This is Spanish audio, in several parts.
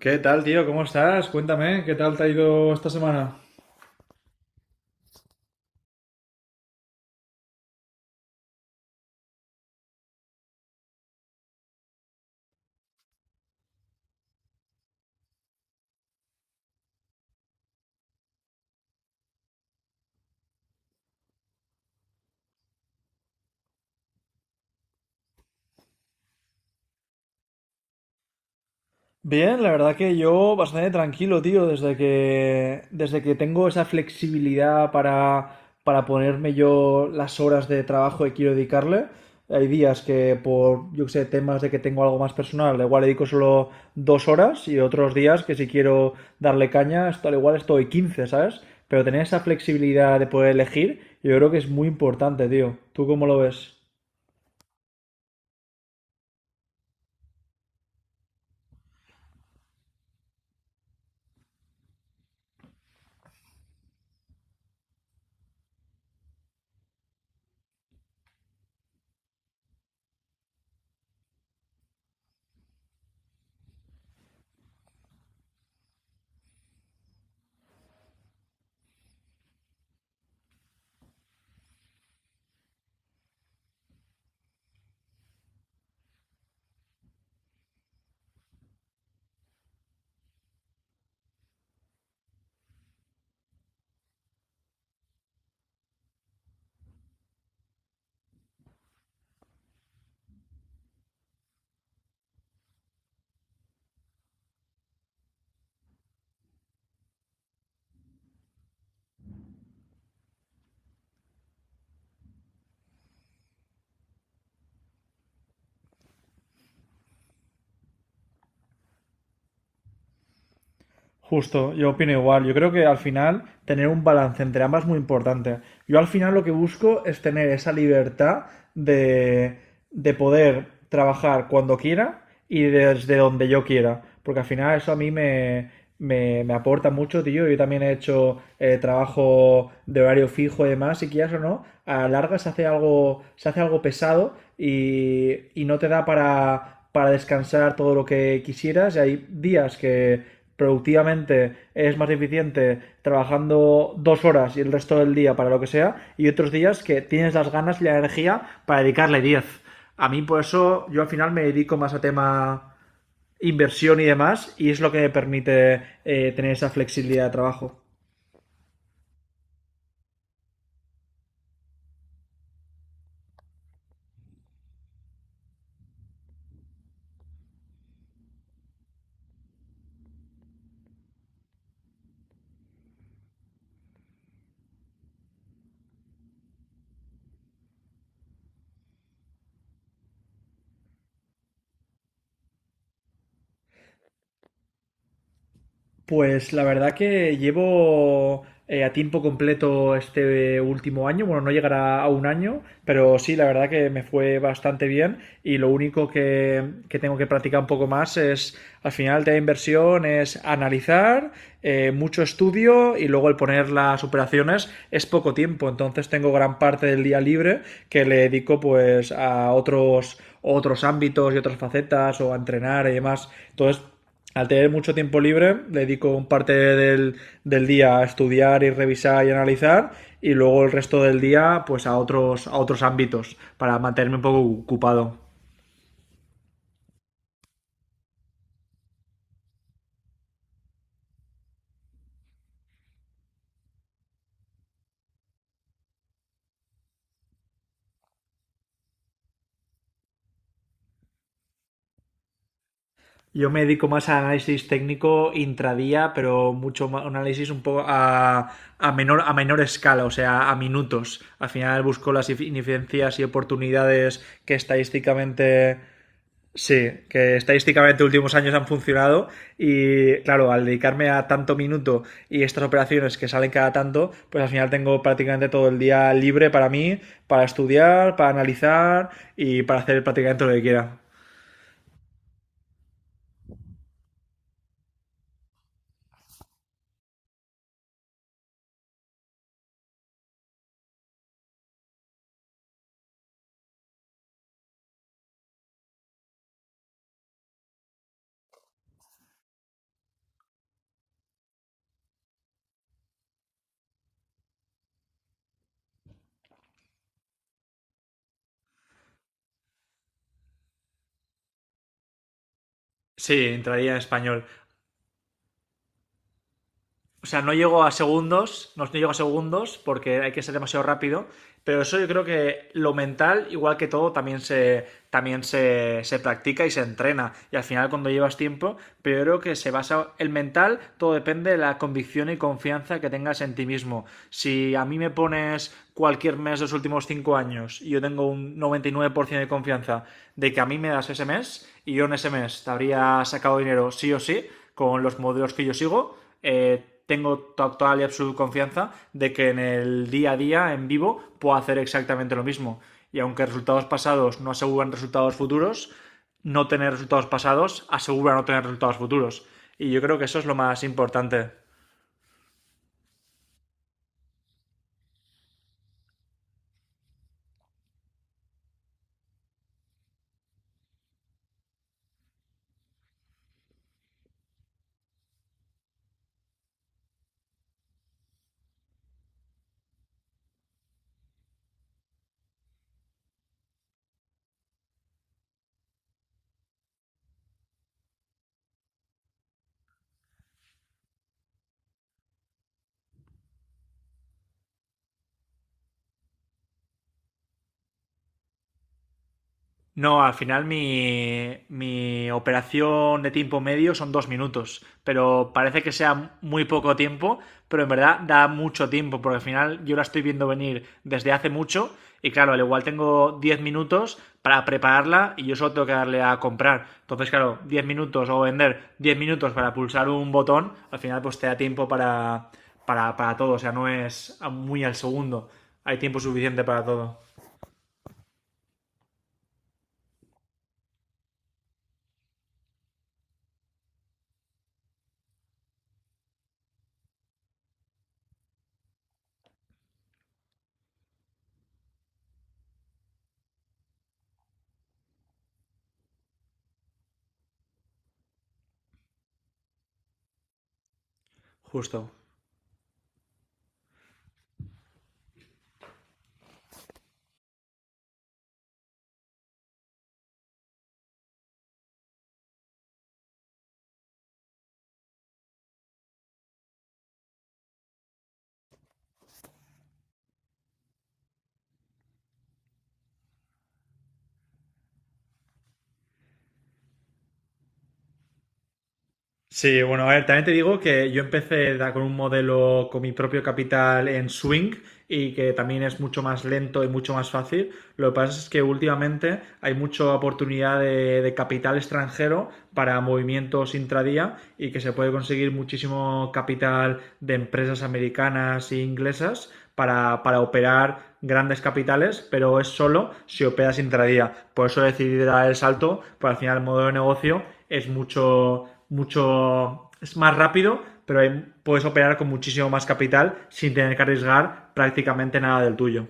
¿Qué tal, tío? ¿Cómo estás? Cuéntame, ¿qué tal te ha ido esta semana? Bien, la verdad que yo bastante tranquilo, tío, desde que tengo esa flexibilidad para ponerme yo las horas de trabajo que quiero dedicarle. Hay días que por, yo qué sé, temas de que tengo algo más personal, igual le dedico solo 2 horas y otros días que si quiero darle caña, al igual estoy 15, ¿sabes? Pero tener esa flexibilidad de poder elegir, yo creo que es muy importante, tío. ¿Tú cómo lo ves? Justo, yo opino igual. Yo creo que al final tener un balance entre ambas es muy importante. Yo al final lo que busco es tener esa libertad de, de poder trabajar cuando quiera y desde donde yo quiera. Porque al final eso a mí me aporta mucho, tío. Yo también he hecho trabajo de horario fijo y demás, y quieras o no, a la larga se hace algo pesado y no te da para descansar todo lo que quisieras. Y hay días que productivamente es más eficiente trabajando 2 horas y el resto del día para lo que sea, y otros días que tienes las ganas y la energía para dedicarle 10. A mí por eso yo al final me dedico más a tema inversión y demás, y es lo que me permite tener esa flexibilidad de trabajo. Pues la verdad que llevo a tiempo completo este último año, bueno, no llegará a un año, pero sí, la verdad que me fue bastante bien y lo único que tengo que practicar un poco más es, al final, el tema de la inversión es analizar mucho estudio y luego el poner las operaciones es poco tiempo. Entonces tengo gran parte del día libre que le dedico pues a otros ámbitos y otras facetas o a entrenar y demás. Entonces al tener mucho tiempo libre, le dedico un parte del día a estudiar y revisar y analizar y luego el resto del día pues a otros ámbitos para mantenerme un poco ocupado. Yo me dedico más a análisis técnico intradía, pero mucho más, un análisis un poco a menor escala, o sea, a minutos. Al final busco las ineficiencias y oportunidades que estadísticamente. Sí, que estadísticamente últimos años han funcionado y claro, al dedicarme a tanto minuto y estas operaciones que salen cada tanto, pues al final tengo prácticamente todo el día libre para mí, para estudiar, para analizar y para hacer prácticamente lo que quiera. Sí, entraría en español. O sea, no llego a segundos, no llego a segundos porque hay que ser demasiado rápido, pero eso yo creo que lo mental, igual que todo, también se practica y se entrena. Y al final cuando llevas tiempo, pero yo creo que se basa el mental, todo depende de la convicción y confianza que tengas en ti mismo. Si a mí me pones cualquier mes de los últimos 5 años y yo tengo un 99% de confianza de que a mí me das ese mes y yo en ese mes te habría sacado dinero sí o sí, con los modelos que yo sigo. Tengo total y absoluta confianza de que en el día a día, en vivo, puedo hacer exactamente lo mismo. Y aunque resultados pasados no aseguran resultados futuros, no tener resultados pasados asegura no tener resultados futuros. Y yo creo que eso es lo más importante. No, al final mi operación de tiempo medio son 2 minutos, pero parece que sea muy poco tiempo, pero en verdad da mucho tiempo, porque al final yo la estoy viendo venir desde hace mucho y claro, al igual tengo 10 minutos para prepararla y yo solo tengo que darle a comprar. Entonces, claro, 10 minutos o vender 10 minutos para pulsar un botón, al final pues te da tiempo para todo, o sea, no es muy al segundo, hay tiempo suficiente para todo, justo. Sí, bueno, a ver, también te digo que yo empecé con un modelo con mi propio capital en Swing y que también es mucho más lento y mucho más fácil. Lo que pasa es que últimamente hay mucha oportunidad de capital extranjero para movimientos intradía y que se puede conseguir muchísimo capital de empresas americanas e inglesas para operar grandes capitales, pero es solo si operas intradía. Por eso decidí dar el salto, porque al final el modelo de negocio es mucho, mucho, es más rápido, pero puedes operar con muchísimo más capital sin tener que arriesgar prácticamente nada del tuyo.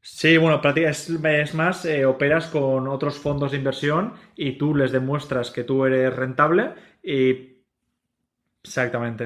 Sí, bueno, es más, operas con otros fondos de inversión y tú les demuestras que tú eres rentable y exactamente.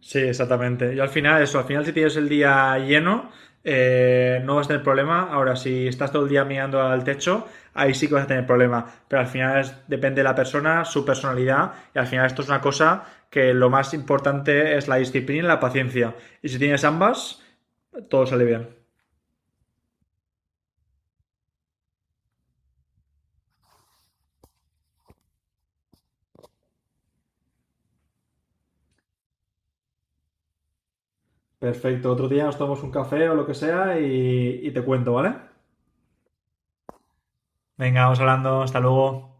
Sí, exactamente. Yo al final, eso, al final si tienes el día lleno, no vas a tener problema. Ahora, si estás todo el día mirando al techo, ahí sí que vas a tener problema. Pero al final depende de la persona, su personalidad, y al final esto es una cosa que lo más importante es la disciplina y la paciencia. Y si tienes ambas, todo sale bien. Perfecto, otro día nos tomamos un café o lo que sea y te cuento, ¿vale? Venga, vamos hablando, hasta luego.